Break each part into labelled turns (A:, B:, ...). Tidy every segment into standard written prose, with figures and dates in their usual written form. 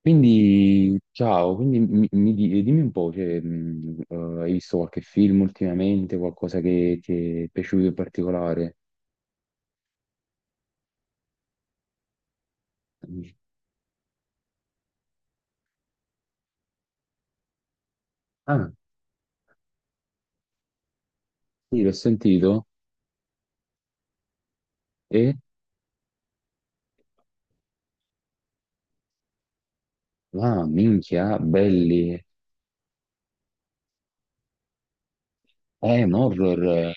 A: Quindi, ciao, quindi dimmi un po', cioè, hai visto qualche film ultimamente, qualcosa che ti è piaciuto in particolare? Ah, sì, l'ho sentito e, ah, minchia, belli, un horror,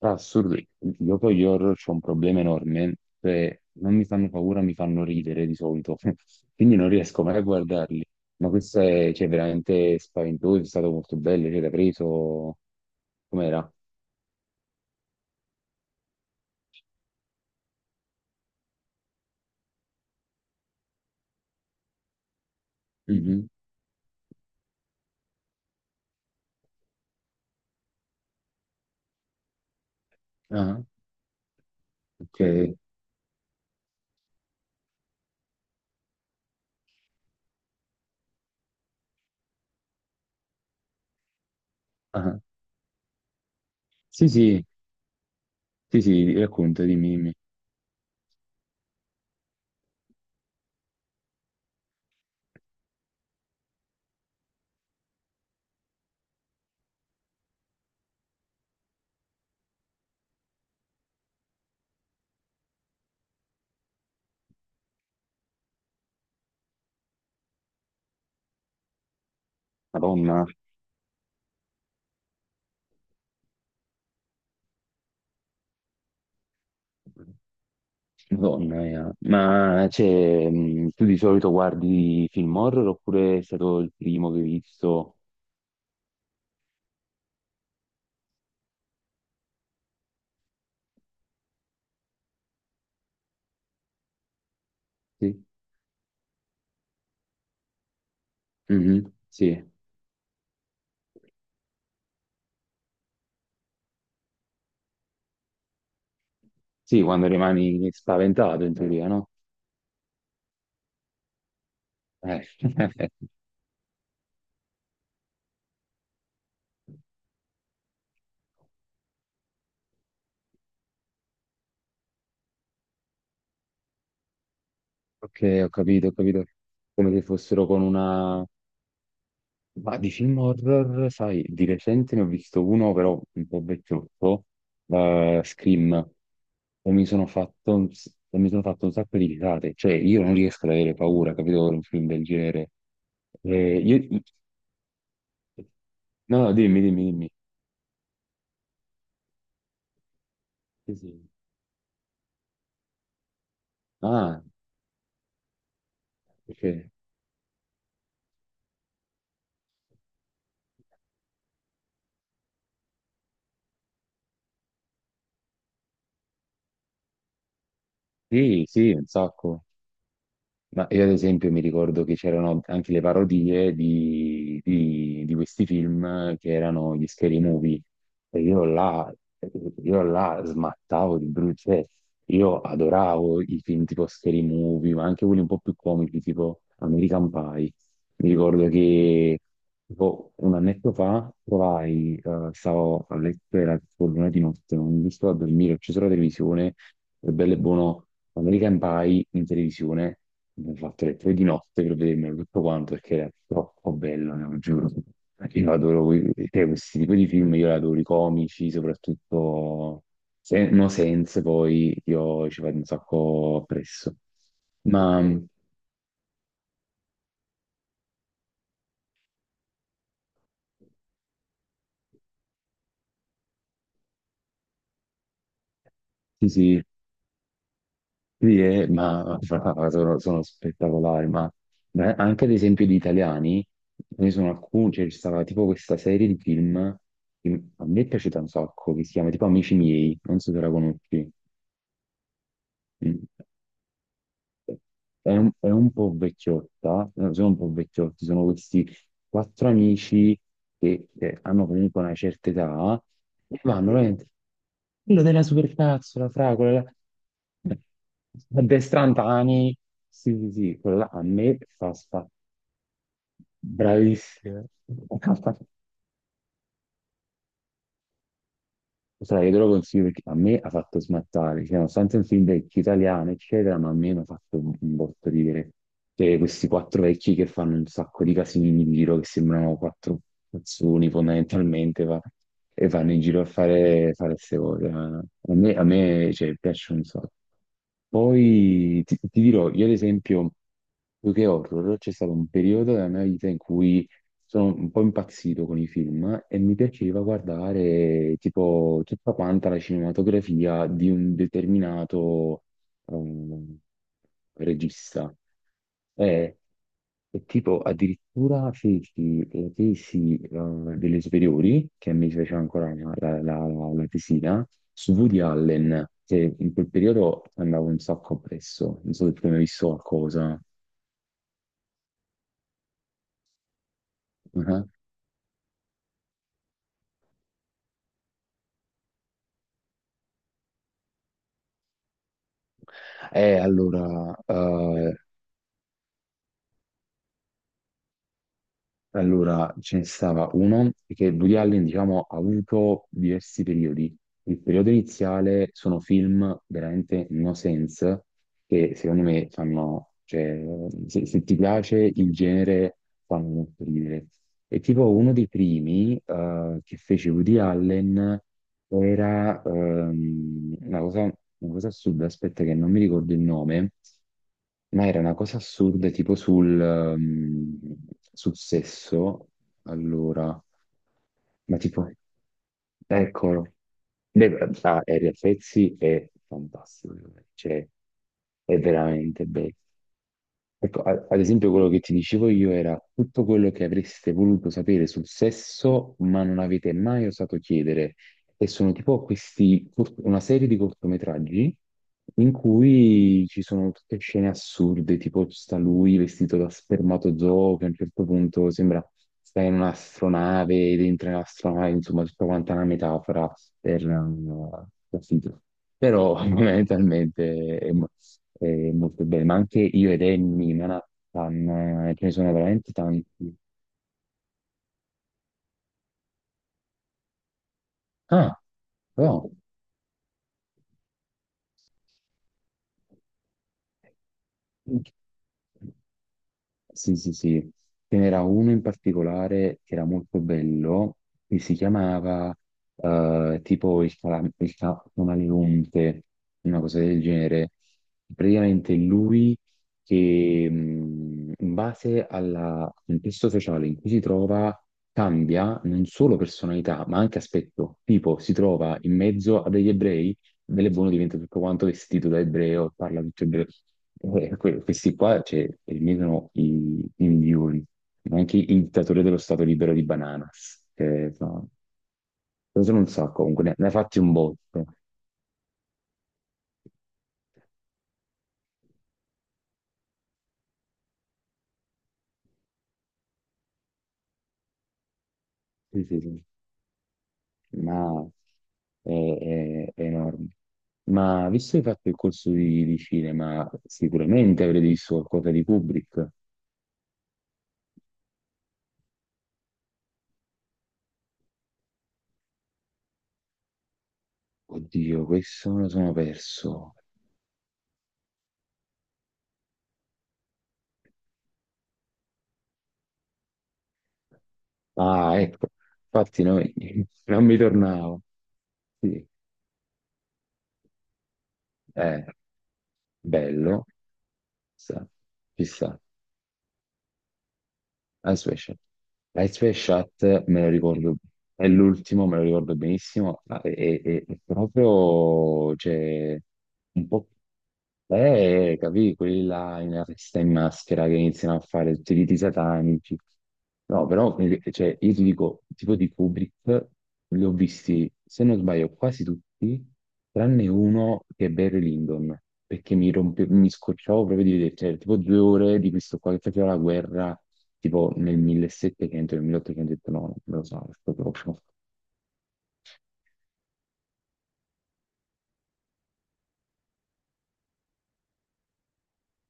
A: ah, assurdo, io con gli horror c'ho un problema enorme, cioè, non mi fanno paura, mi fanno ridere di solito, quindi non riesco mai a guardarli, ma questo è, cioè, veramente spaventoso, è stato molto bello, cioè, l'ha preso, com'era? Mhm. Ah, ok. Ah. Sì, sì, sì, sì, racconta, dimmi, dimmi. Madonna, Madonna mia. Ma cioè, tu di solito guardi film horror oppure è stato il primo che hai visto? Sì. Mhm. Sì, sì, quando rimani spaventato in teoria, no? Eh. Ok, ho capito, ho capito. Come se fossero con una, ma di film horror, sai, di recente ne ho visto uno, però un po' vecchiotto, Scream, e mi sono fatto un sacco di risate. Cioè, io non riesco ad avere paura, capito, per un film del genere. Eh, io- No, no, dimmi, dimmi, dimmi. Sì, sì. Ah, ok. Sì, sì, un sacco. Ma io ad esempio mi ricordo che c'erano anche le parodie di questi film che erano gli scary movie e io là smattavo di brutto, cioè, io adoravo i film tipo scary movie, ma anche quelli un po' più comici tipo American Pie. Mi ricordo che tipo un annetto fa trovai, stavo a letto, era tipo l'una di notte, non riuscivo a dormire, ho acceso la televisione, è bello e buono American Pie in televisione. Mi ho fatto le 3 di notte per vedermelo tutto quanto perché era troppo bello, ne lo giuro. Io adoro cioè, questi tipi di film, io li adoro i comici, soprattutto No Sense, poi io ci vado un sacco appresso. Ma sì, sì, sì, ma sono spettacolari, ma anche ad esempio di italiani, ce ne sono alcuni, cioè, c'è stata tipo questa serie di film che a me è piaciuta un sacco, che si chiama tipo Amici miei, non so se la conosci. Mm. È un po' vecchiotta, no, sono un po' vecchiotti, sono questi quattro amici che hanno comunque una certa età e vanno veramente, quello della supercazzo, la fragola, la addestrantani, sì, sì, sì, quello là a me fa spa, bravissimo, Sai, io te lo consiglio perché a me ha fatto smattare, cioè, nonostante è un film vecchio italiano, eccetera, ma a me mi ha fatto un botto ridere. Cioè, questi quattro vecchi che fanno un sacco di casini in giro, che sembrano quattro cazzoni fondamentalmente, e vanno in giro a fare queste cose. A me, cioè, piace un sacco. Poi ti dirò, io ad esempio, più che horror, c'è stato un periodo della mia vita in cui sono un po' impazzito con i film e mi piaceva guardare tipo tutta quanta la cinematografia di un determinato ehm, regista. E, e tipo addirittura feci la tesi delle superiori, che mi fece ancora la tesina, su Woody Allen, che in quel periodo andavo un sacco appresso, non so se tu hai mai visto qualcosa. Ah. Allora, ce ne stava uno che Woody Allen, diciamo, ha avuto diversi periodi. Il periodo iniziale sono film veramente no sense, che secondo me fanno, cioè, se ti piace il genere, fanno molto ridere. E tipo uno dei primi che fece Woody Allen era una cosa assurda, aspetta che non mi ricordo il nome, ma era una cosa assurda tipo sul sesso. Allora, ma tipo, eccolo. Beh, ah, Ariel Pezzi è fantastico, cioè, è veramente bello. Ecco, ad esempio quello che ti dicevo io era tutto quello che avreste voluto sapere sul sesso, ma non avete mai osato chiedere. E sono tipo questi, una serie di cortometraggi in cui ci sono tutte scene assurde, tipo sta lui vestito da spermatozoo che a un certo punto sembra sta in un'astronave, dentro un'astronave, insomma, tutta quanta una metafora capito? Però fondamentalmente è, molto bene, ma anche io ed Annie, Manhattan, ce ne sono veramente tanti. Ah, però... Sì, sì, sì. Ce n'era uno in particolare che era molto bello, che si chiamava tipo il, camaleonte, una cosa del genere. Praticamente lui che in base al contesto sociale in cui si trova cambia non solo personalità, ma anche aspetto. Tipo si trova in mezzo a degli ebrei, bell'e buono diventa tutto quanto vestito da ebreo, parla tutto ebreo. Questi qua cioè, eliminano i migliori, anche il dittatore dello Stato libero di Bananas. Che, insomma, questo non so, comunque ne ha fatti un botto. Sì, sì, sì. Ma è enorme. Ma visto che hai fatto il corso di cinema, sicuramente avrete visto qualcosa di Kubrick. Oddio, questo me lo sono perso. Ah, ecco, infatti no, non mi tornavo. Sì, è bello. Chissà, chissà. Ice Wave Shot. Ice Wave Shot me lo ricordo, è l'ultimo, me lo ricordo benissimo, ma è proprio, cioè, un po'. Capì, quelli là in arresta in maschera che iniziano a fare tutti i riti satanici. No, però, cioè, io ti dico, tipo di Kubrick, li ho visti, se non sbaglio, quasi tutti, tranne uno che è Barry Lyndon, perché mi rompe, mi scocciavo proprio di vedere, cioè, tipo 2 ore di questo qua che faceva la guerra, tipo nel 1700, nel 1800, ho detto, no, non me lo so, sto proprio,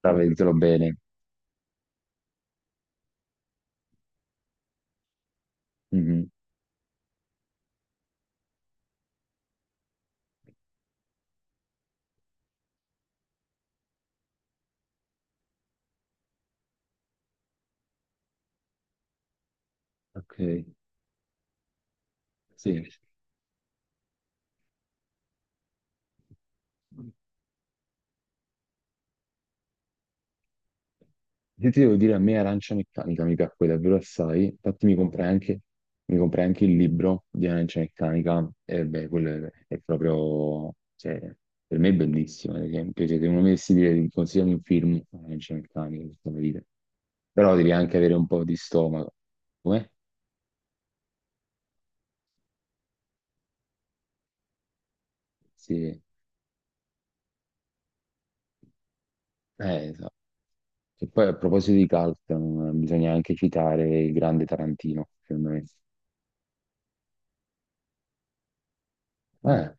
A: la Ho vedetelo capito. Bene. Mhm. Ok, sì. Se ti devo dire, a me Arancia Meccanica mi piacque davvero assai, infatti mi comprai anche il libro di Arancia Meccanica, e beh, quello è proprio, cioè, per me è bellissimo, ad esempio, cioè, se uno mi dovessi dire, consigliami un film, Arancia Meccanica, per dire. Però devi anche avere un po' di stomaco, come? Sì, esatto. E poi a proposito di cult, bisogna anche citare il grande Tarantino, secondo me. Eh,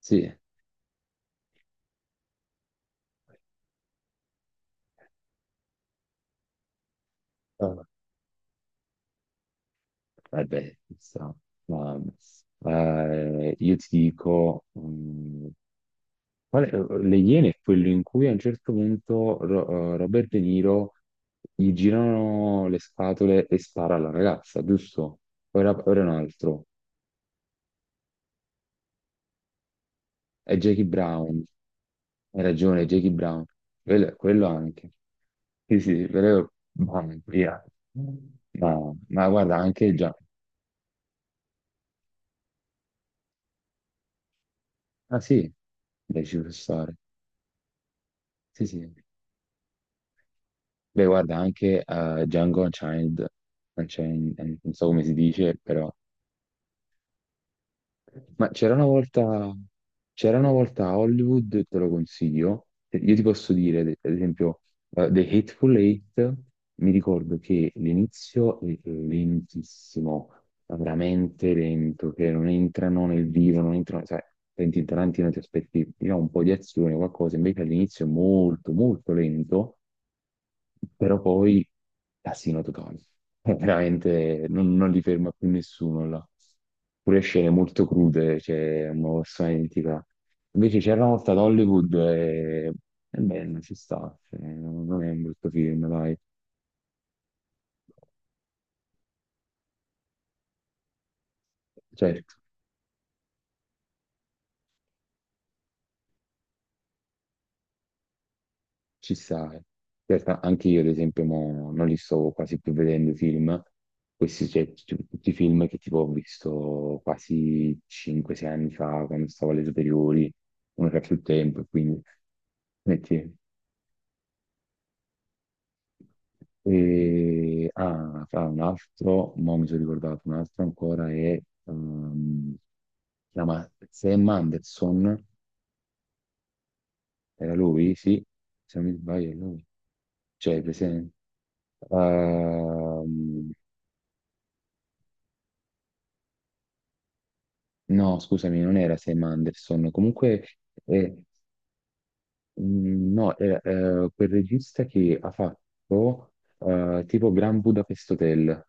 A: sì. Ah. Vabbè, chissà. Ma, io ti dico, Le Iene è quello in cui a un certo punto Robert De Niro gli girano le scatole e spara alla ragazza, giusto? Ora, ora è un altro. È Jackie Brown. Hai ragione, è Jackie Brown. Quello anche. Sì, sì, quello... Mamma mia. Ma guarda, anche già... Ah sì, dai, ci può stare. Sì, sì. Beh, guarda, anche Django Unchained. Non so come si dice, però... Ma c'era una volta a Hollywood, te lo consiglio, io ti posso dire, ad esempio, The Hateful Eight, mi ricordo che l'inizio è lentissimo, ma veramente lento, che non entrano nel vivo, non entrano, sai, senti Tarantino ti aspetti, diciamo, un po' di azione, qualcosa, invece all'inizio è molto, molto lento, però poi casino totale. È veramente non li ferma più nessuno là. Pure scene molto crude, c'è una persona identica. Invece c'era una volta ad Hollywood e beh, non ci sta, cioè, non è un brutto film, dai. Certo. Ci sta. Certo, anche io, ad esempio, mo non li sto quasi più vedendo i film. Questi, cioè, tutti i film che tipo ho visto quasi 5-6 anni fa, quando stavo alle superiori, non era più il tempo, quindi... Metti. E... Ah, fra un altro, mo mi sono ricordato, un altro ancora è... si chiama Sam Anderson, era lui, sì, se non mi sbaglio è lui. Cioè, presente. Ehm, No, scusami, non era Sam Anderson. Comunque, eh, no, era quel regista che ha fatto tipo Grand Budapest Hotel,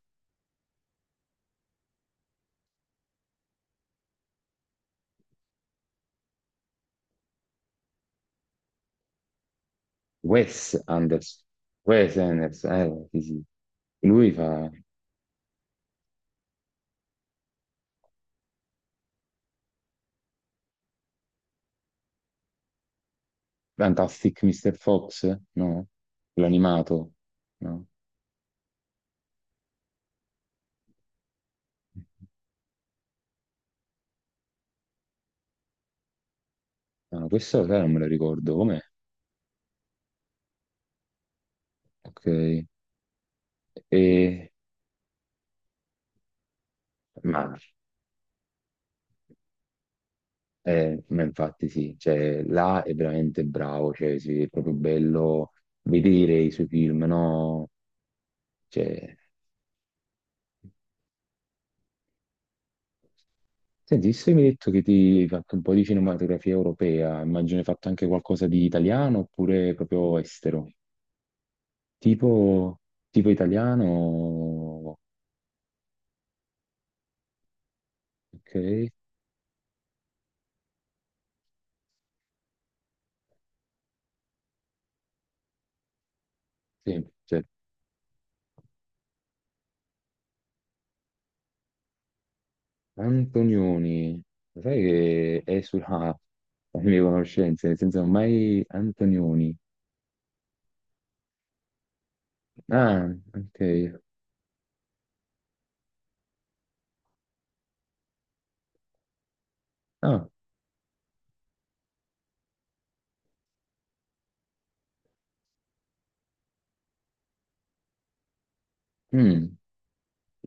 A: Wes Anderson. Wes Anderson, sì, sì. Lui fa Fantastic Mr. Fox, no? L'animato, no? No, questo sai, non me lo ricordo com'è. Ok. E, ma ma infatti sì, cioè, là è veramente bravo, cioè, sì, è proprio bello vedere i suoi film, no? Cioè, senti, visto che mi hai detto che ti hai fatto un po' di cinematografia europea, immagino hai fatto anche qualcosa di italiano oppure proprio estero, tipo, tipo italiano, ok? Sì, cioè, Antonioni, lo sai che è sulla le mie conoscenze, nel senso mai Antonioni. Ah, ok. Ah, mm.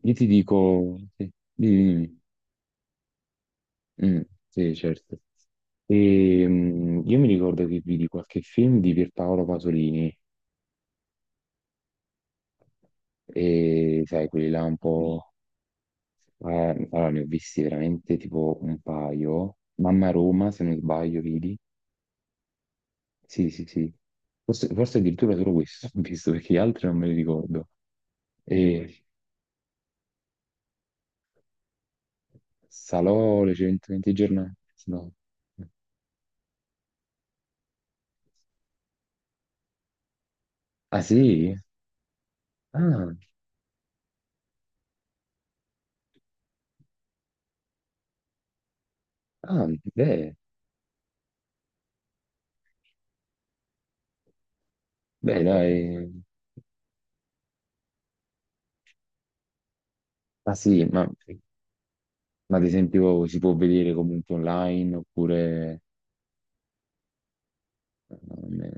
A: Io ti dico, sì, dimmi, dimmi. Mm, sì, certo. Io mi ricordo che vidi qualche film di Pierpaolo Pasolini e sai, quelli là un po'... Eh, allora, ne ho visti veramente tipo un paio. Mamma Roma, se non sbaglio, vedi? Sì, sì, sì. Forse, forse addirittura solo questo ho visto, perché gli altri non me li ricordo. E Salò, le 120 giornate. No. Ah, sì? Ah, ah, beh, beh, dai. Ma sì, ma ad esempio si può vedere comunque online oppure... ehm,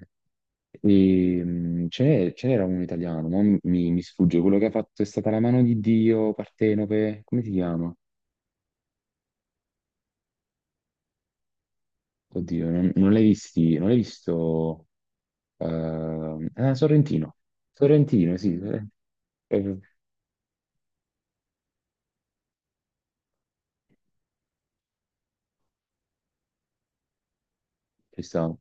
A: E, ce n'era uno italiano, ma mi sfugge quello che ha fatto è stata la mano di Dio, Partenope, come si chiama? Oddio, non l'hai visti, non l'hai visto ah, Sorrentino. Sorrentino, sì, eh, ci stavo.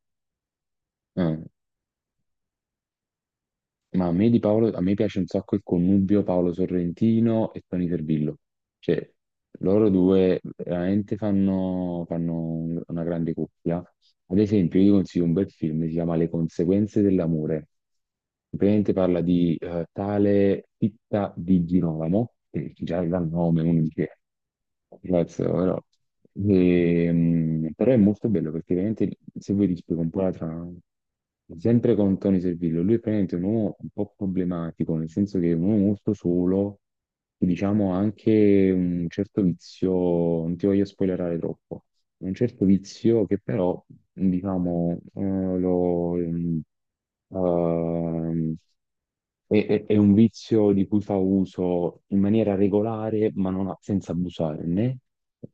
A: Ma a me piace un sacco il connubio Paolo Sorrentino e Tony Servillo. Cioè, loro due veramente fanno una grande coppia. Ad esempio, io vi consiglio un bel film, si chiama Le conseguenze dell'amore. Praticamente parla di tale Titta di Girolamo, che già dal nome uno dice Grazie, ora. Però è molto bello perché veramente, se vuoi ti spiego un po' la trama, sempre con Tony Servillo, lui è praticamente un uomo un po' problematico, nel senso che è un uomo molto solo, e diciamo anche un certo vizio, non ti voglio spoilerare troppo, un certo vizio che però, diciamo, ehm, è un vizio di cui fa uso in maniera regolare, ma non a- senza abusarne,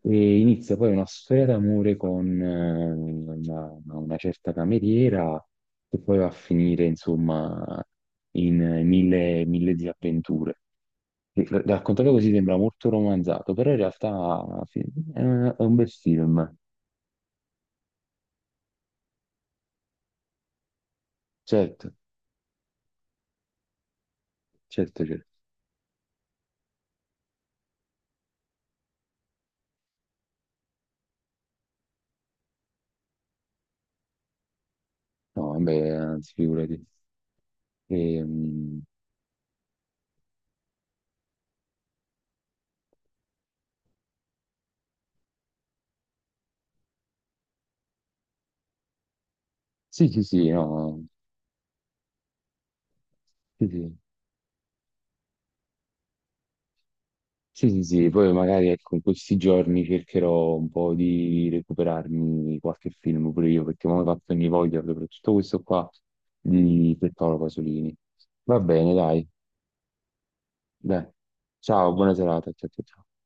A: e inizia poi una storia d'amore con una certa cameriera, che poi va a finire, insomma, in mille disavventure. Raccontato così sembra molto romanzato, però in realtà sì, è un bel film, certo, certo, certo. No, vabbè, anzi, figurati. Ehm, sì, sì, sì, no. Sì, sì. Sì, sì, sì, poi magari ecco, in questi giorni cercherò un po' di recuperarmi qualche film pure io, perché mi ho fatto ogni voglia, soprattutto questo qua di Pier Paolo Pasolini. Va bene, dai, dai. Ciao, buona serata. Ciao, ciao. Ciao.